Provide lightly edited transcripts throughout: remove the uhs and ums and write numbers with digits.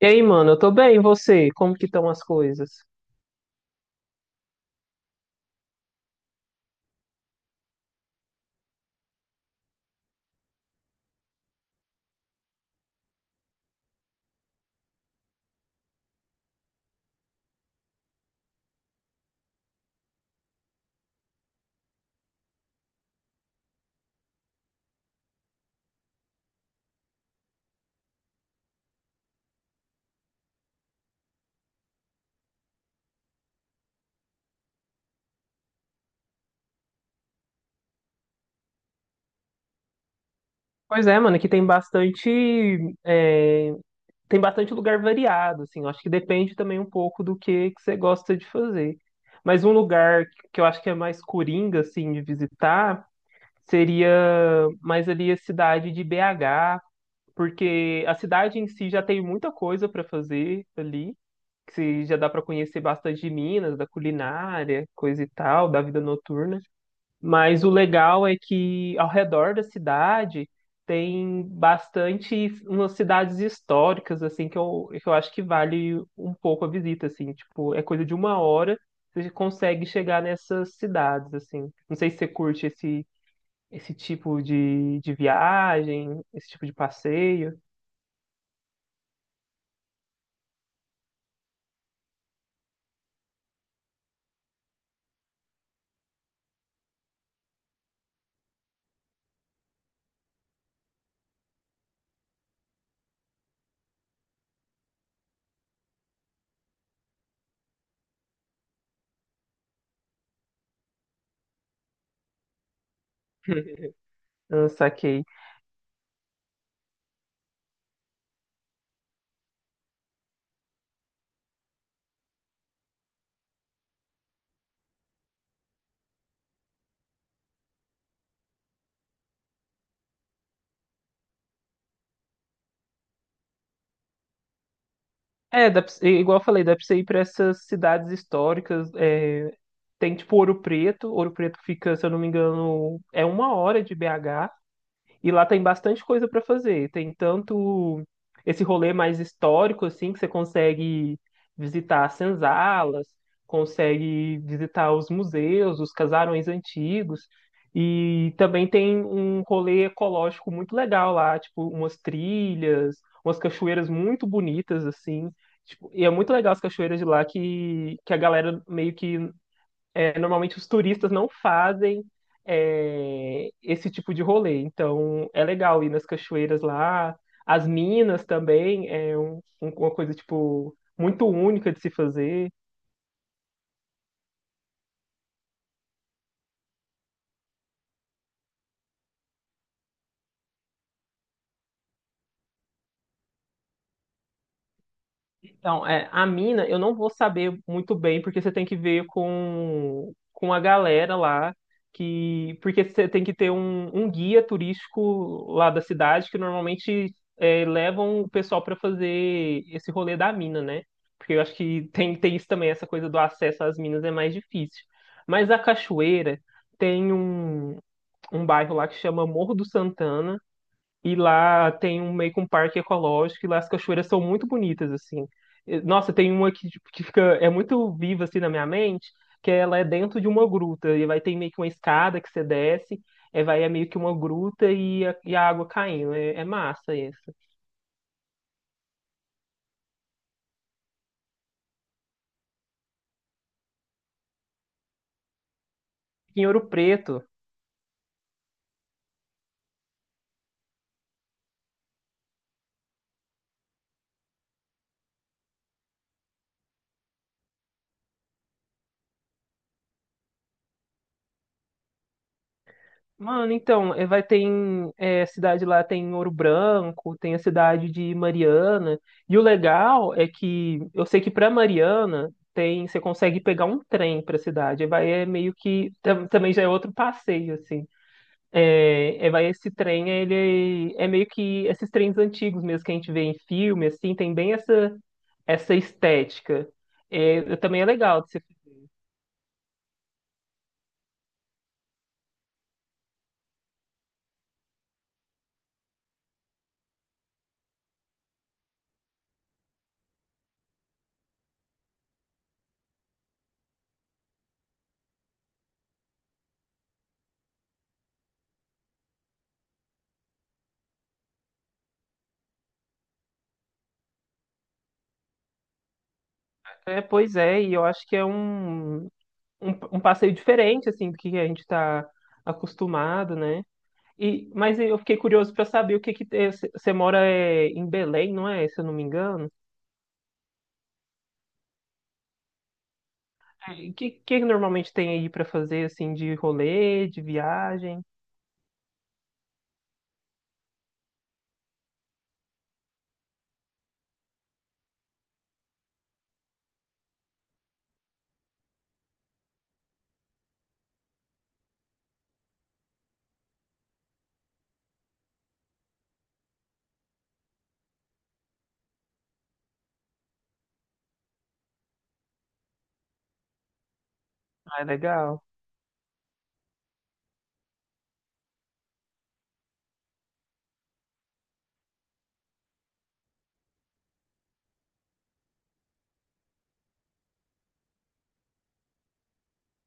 E aí, mano, eu tô bem, e você? Como que estão as coisas? Pois é, mano, aqui tem bastante, é, tem bastante lugar variado, assim, eu acho que depende também um pouco do que você gosta de fazer. Mas um lugar que eu acho que é mais coringa, assim, de visitar, seria mais ali a cidade de BH, porque a cidade em si já tem muita coisa para fazer ali, que se- já dá para conhecer bastante de Minas, da culinária, coisa e tal, da vida noturna. Mas o legal é que ao redor da cidade tem bastante umas cidades históricas assim que eu acho que vale um pouco a visita assim, tipo, é coisa de uma hora você consegue chegar nessas cidades assim. Não sei se você curte esse tipo de viagem, esse tipo de passeio. Ah, saquei. É, dá pra igual eu falei, dá pra você ir pra essas cidades históricas. Tem tipo Ouro Preto. Ouro Preto fica, se eu não me engano, é uma hora de BH. E lá tem bastante coisa para fazer. Tem tanto esse rolê mais histórico, assim, que você consegue visitar as senzalas, consegue visitar os museus, os casarões antigos. E também tem um rolê ecológico muito legal lá, tipo, umas trilhas, umas cachoeiras muito bonitas, assim. Tipo, e é muito legal as cachoeiras de lá que a galera meio que normalmente os turistas não fazem esse tipo de rolê. Então é legal ir nas cachoeiras lá. As minas também é uma coisa tipo muito única de se fazer. Então, a mina, eu não vou saber muito bem, porque você tem que ver com a galera lá, porque você tem que ter um guia turístico lá da cidade, que normalmente levam o pessoal para fazer esse rolê da mina, né? Porque eu acho tem isso também, essa coisa do acesso às minas é mais difícil. Mas a Cachoeira tem um bairro lá que chama Morro do Santana, e lá tem um meio que um parque ecológico e lá as cachoeiras são muito bonitas, assim. E, nossa, tem uma que, tipo, que fica, é muito viva, assim, na minha mente, que ela é dentro de uma gruta e vai ter meio que uma escada que você desce, vai é meio que uma gruta e a água caindo. É, é massa essa. Em Ouro Preto. Mano, então, vai ter em, cidade lá, tem Ouro Branco, tem a cidade de Mariana. E o legal é que eu sei que para Mariana tem, você consegue pegar um trem para a cidade. Aí vai é meio que também já é outro passeio assim. Vai esse trem, ele é meio que esses trens antigos mesmo que a gente vê em filme, assim, tem bem essa estética. É, também é legal. De se- É, pois é, e eu acho que é um, um passeio diferente, assim, do que a gente está acostumado, né? E, mas eu fiquei curioso para saber o que você mora é, em Belém, não é? Se eu não me engano. É, e o que normalmente tem aí para fazer, assim, de rolê, de viagem? Ah, é legal.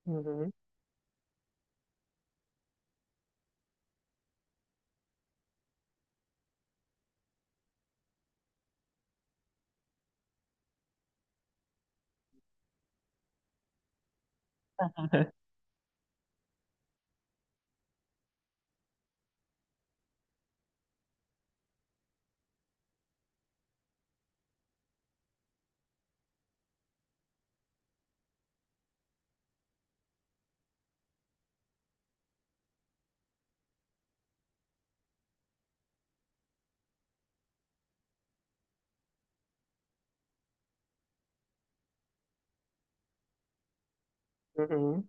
Uhum. Uhum.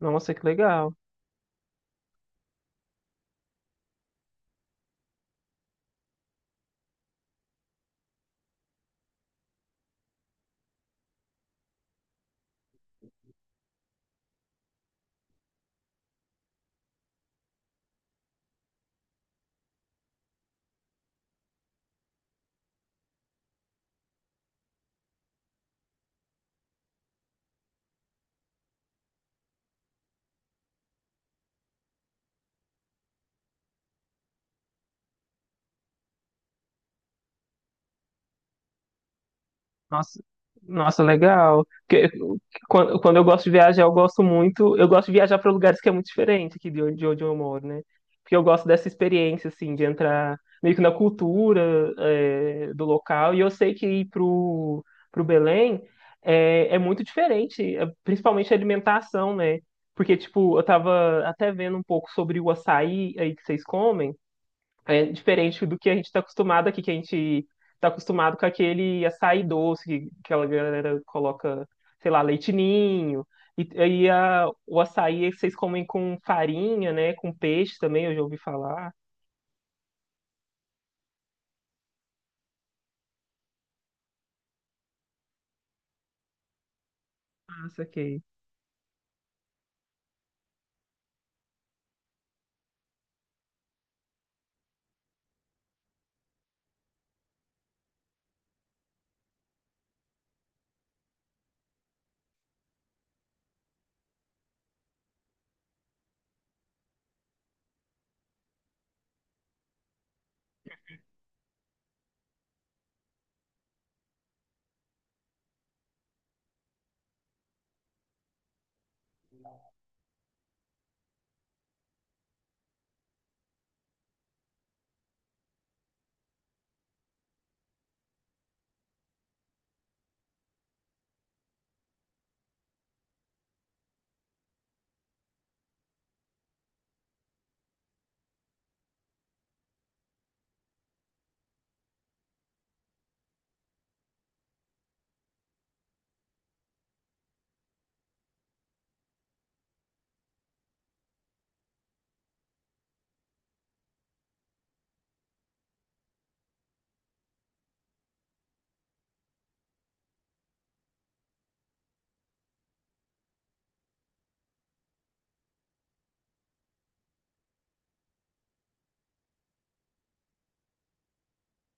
Nossa, que legal. Nossa, nossa, legal. Porque quando eu gosto de viajar, eu gosto muito, eu gosto de viajar para lugares que é muito diferente aqui de de onde eu moro, né? Porque eu gosto dessa experiência, assim, de entrar meio que na cultura, do local. E eu sei que ir pro Belém é, é muito diferente, é, principalmente a alimentação, né? Porque, tipo, eu tava até vendo um pouco sobre o açaí aí que vocês comem. É diferente do que a gente está acostumado aqui, que a gente está acostumado com aquele açaí doce, que aquela galera coloca, sei lá, leite ninho. E aí o açaí vocês comem com farinha, né? Com peixe também, eu já ouvi falar. Ah, saquei.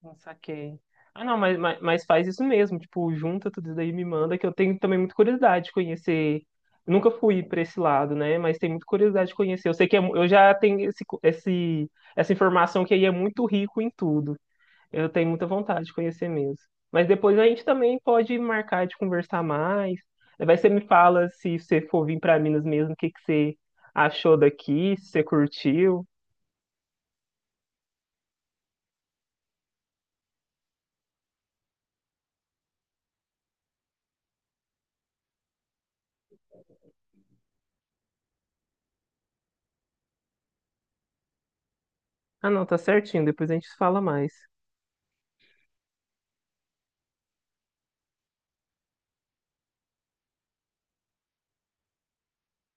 Ah, saquei. Ah, não, mas faz isso mesmo. Tipo, junta tudo isso daí e me manda, que eu tenho também muita curiosidade de conhecer. Nunca fui para esse lado, né? Mas tenho muita curiosidade de conhecer. Eu sei que é eu já tenho essa informação que aí é muito rico em tudo. Eu tenho muita vontade de conhecer mesmo. Mas depois a gente também pode marcar de conversar mais. Vai você me fala se você for vir para Minas mesmo, o que que você achou daqui, se você curtiu. Ah, não, tá certinho. Depois a gente fala mais.